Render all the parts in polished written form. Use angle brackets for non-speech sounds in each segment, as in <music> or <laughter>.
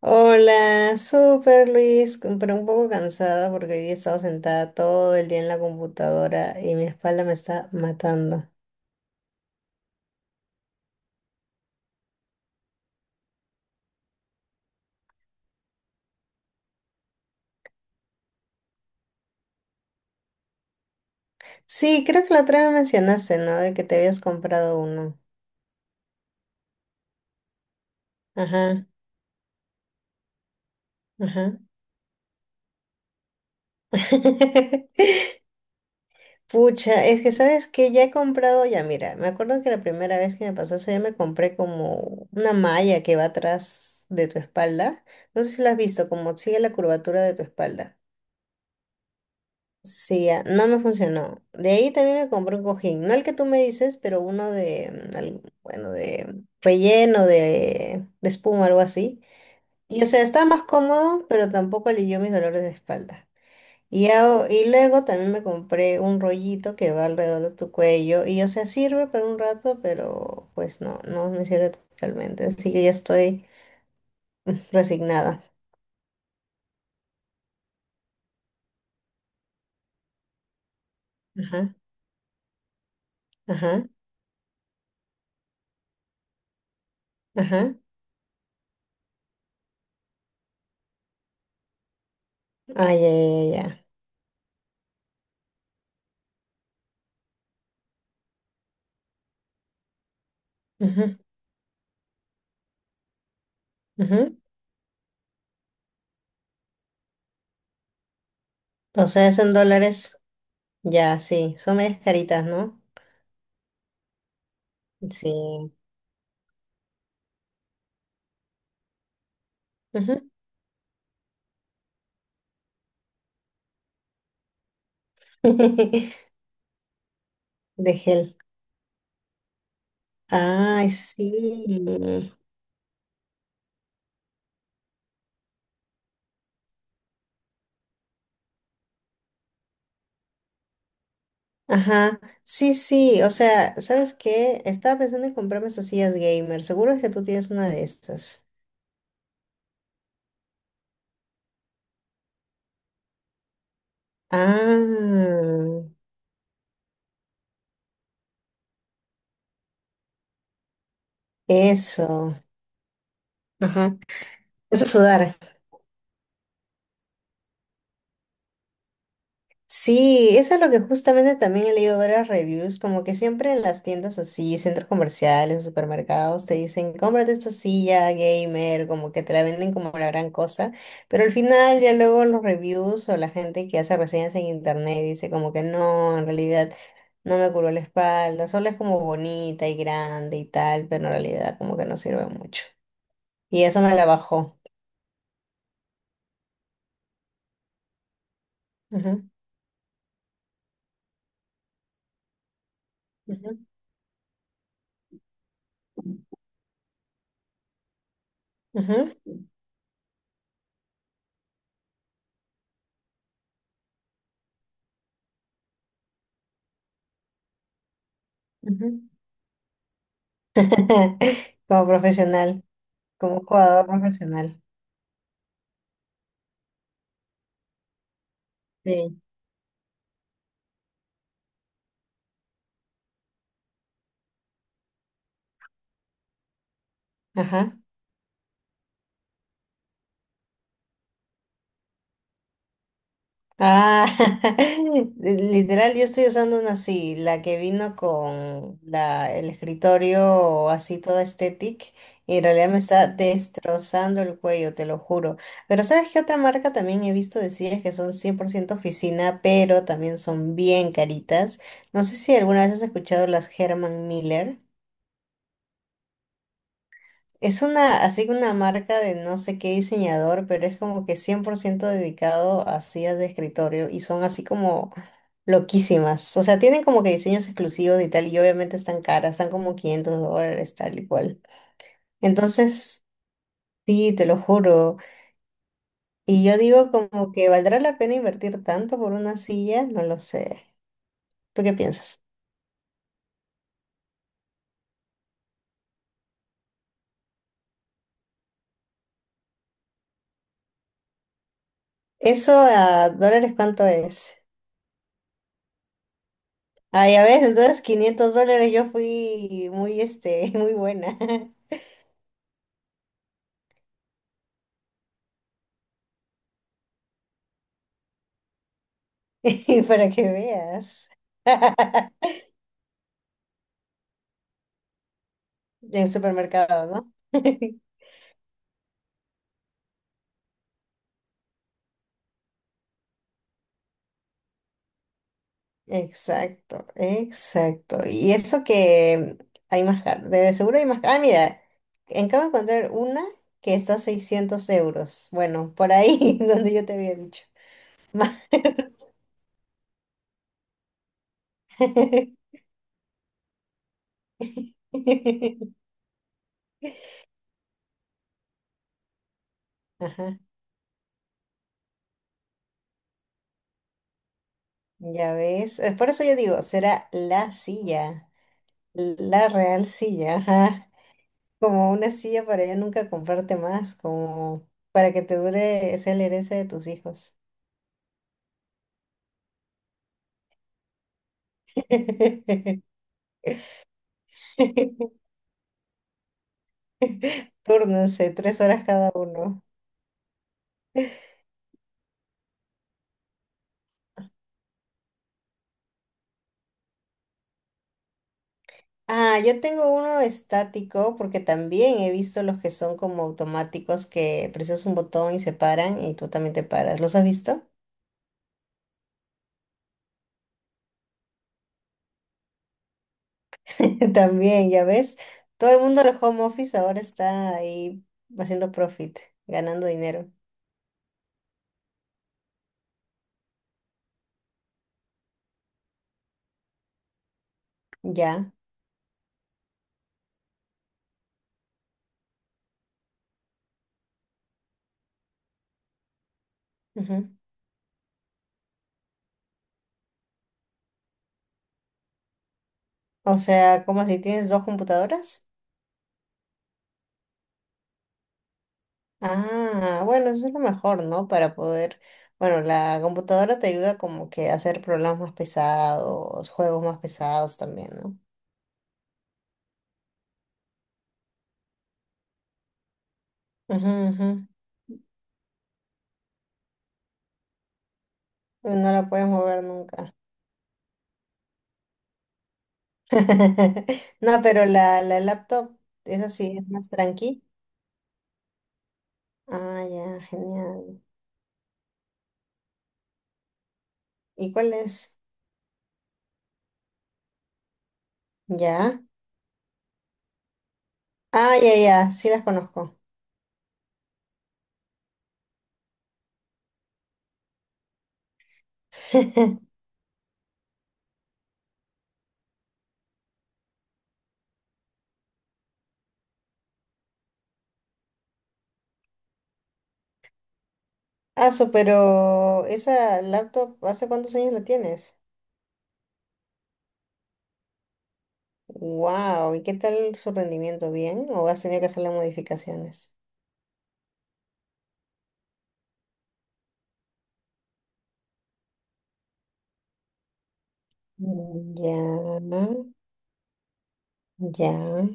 Hola, súper Luis, pero un poco cansada porque hoy día he estado sentada todo el día en la computadora y mi espalda me está matando. Sí, creo que la otra vez me mencionaste, ¿no? De que te habías comprado uno. Ajá, ajá. <laughs> Pucha, es que sabes que ya he comprado, ya mira, me acuerdo que la primera vez que me pasó eso, ya me compré como una malla que va atrás de tu espalda. No sé si lo has visto, como sigue la curvatura de tu espalda. Sí, ah, no me funcionó. De ahí también me compré un cojín, no el que tú me dices, pero uno de, bueno, de relleno, de espuma, algo así. Y o sea, está más cómodo, pero tampoco alivió mis dolores de espalda. Y luego también me compré un rollito que va alrededor de tu cuello. Y o sea, sirve para un rato, pero pues no, no me sirve totalmente. Así que ya estoy resignada. Ajá, ajá, ajá. Ay, ya, ya, ya. Ya. Ujú, ujú. O sea, son dólares. Ya, sí, son medias caritas, ¿no? Sí. Ujú. <laughs> De gel. Ay, sí. Ajá. Sí, sí. O sea, ¿sabes qué? Estaba pensando en comprarme esas sillas gamer. Seguro es que tú tienes una de estas. Ah, eso. Ajá. Eso es sudar. Sí, eso es lo que justamente también he leído varias reviews, como que siempre en las tiendas así, centros comerciales, supermercados, te dicen, cómprate esta silla gamer, como que te la venden como la gran cosa, pero al final ya luego los reviews o la gente que hace reseñas en internet dice como que no, en realidad no me curó la espalda, solo es como bonita y grande y tal, pero en realidad como que no sirve mucho. Y eso me la bajó. Ujú, ujú, ujú, ujú. <laughs> Como profesional. Como jugador profesional. Sí. Ajá. Ah, <laughs> literal, yo estoy usando una así, la que vino con el escritorio así toda estética y en realidad me está destrozando el cuello, te lo juro. Pero ¿sabes qué otra marca también he visto decir que son 100% oficina, pero también son bien caritas? No sé si alguna vez has escuchado las Herman Miller. Es una, así que una marca de no sé qué diseñador, pero es como que 100% dedicado a sillas de escritorio y son así como loquísimas. O sea, tienen como que diseños exclusivos y tal, y obviamente están caras, están como 500 dólares, tal y cual. Entonces, sí, te lo juro. Y yo digo como que ¿valdrá la pena invertir tanto por una silla? No lo sé. ¿Tú qué piensas? ¿Eso a dólares cuánto es? Ah, ya ves, entonces 500 dólares yo fui muy, este, <laughs> muy buena. <laughs> Para que veas. <laughs> En el supermercado, ¿no? <laughs> Exacto, exacto. Y eso que hay más caro, de seguro hay más caro. Ah, mira, acabo de encontrar una que está a 600 euros. Bueno, por ahí <laughs> donde yo te había dicho. Más- <laughs> Ajá, ya ves. Por eso yo digo, será la silla, la real silla. Ajá. Como una silla para ya nunca comprarte más, como para que te dure sea la herencia de tus hijos. <laughs> Túrnense, 3 horas cada uno. Ah, yo tengo uno estático porque también he visto los que son como automáticos que presionas un botón y se paran y tú también te paras. ¿Los has visto? <laughs> También, ya ves. Todo el mundo del home office ahora está ahí haciendo profit, ganando dinero. Ya. O sea, como si tienes dos computadoras. Ah, bueno, eso es lo mejor, ¿no? Para poder, bueno, la computadora te ayuda como que a hacer programas más pesados, juegos más pesados también, ¿no? Ujú, ujú. No la puedes mover nunca. <laughs> No, pero la laptop, esa sí es más tranqui. Ah, ya, genial. ¿Y cuál es? Ya. Ah, ya, ya, sí las conozco. <laughs> Pero esa laptop, ¿hace cuántos años la tienes? Wow, ¿y qué tal su rendimiento? ¿Bien? ¿O has tenido que hacerle modificaciones? Mm, ya, ya.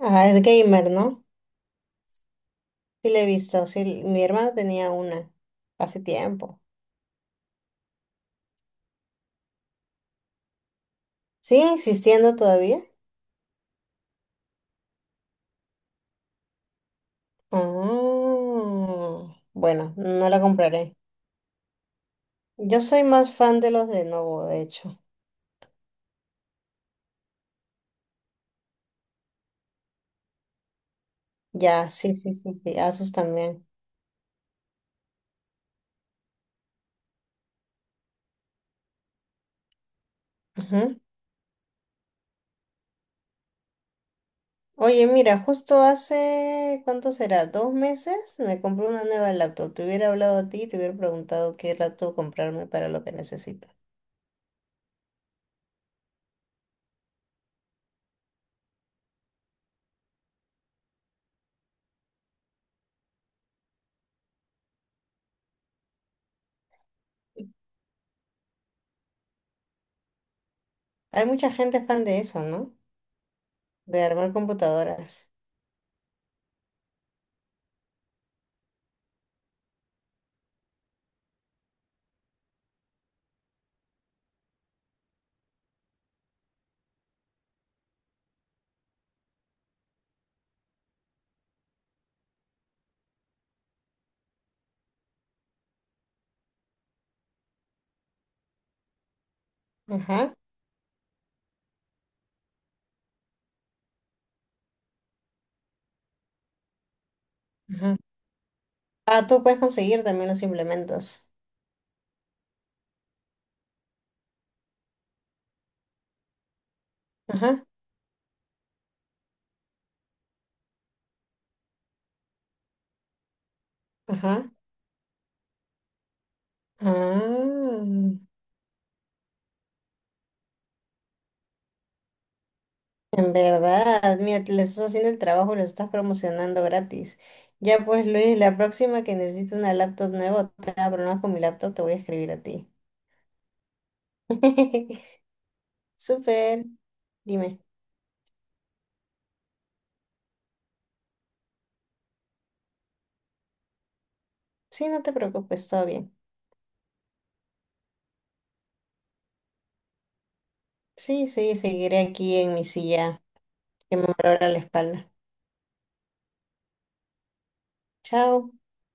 Ah, es gamer, ¿no? Sí, le he visto. Sí, mi hermano tenía una hace tiempo. ¿Sigue existiendo todavía? Ah, bueno, no la compraré. Yo soy más fan de los Lenovo, de hecho. Ya, sí, sí, sí, sí. Asus también. Oye, mira, justo hace, ¿cuánto será? ¿2 meses? Me compré una nueva laptop. Te hubiera hablado a ti y te hubiera preguntado qué laptop comprarme para lo que necesito. Hay mucha gente fan de eso, ¿no? De armar computadoras. Ajá, ajá. Ah, tú puedes conseguir también los implementos. Ajá, ajá. Ah, en verdad, mira, le estás haciendo el trabajo y lo estás promocionando gratis. Ya pues, Luis, la próxima que necesite una laptop nueva, o te abro más con mi laptop, te voy a escribir a ti. <laughs> Súper. Dime. Sí, no te preocupes, todo bien. Sí, sí, seguiré aquí en mi silla que me valora la espalda. Chao.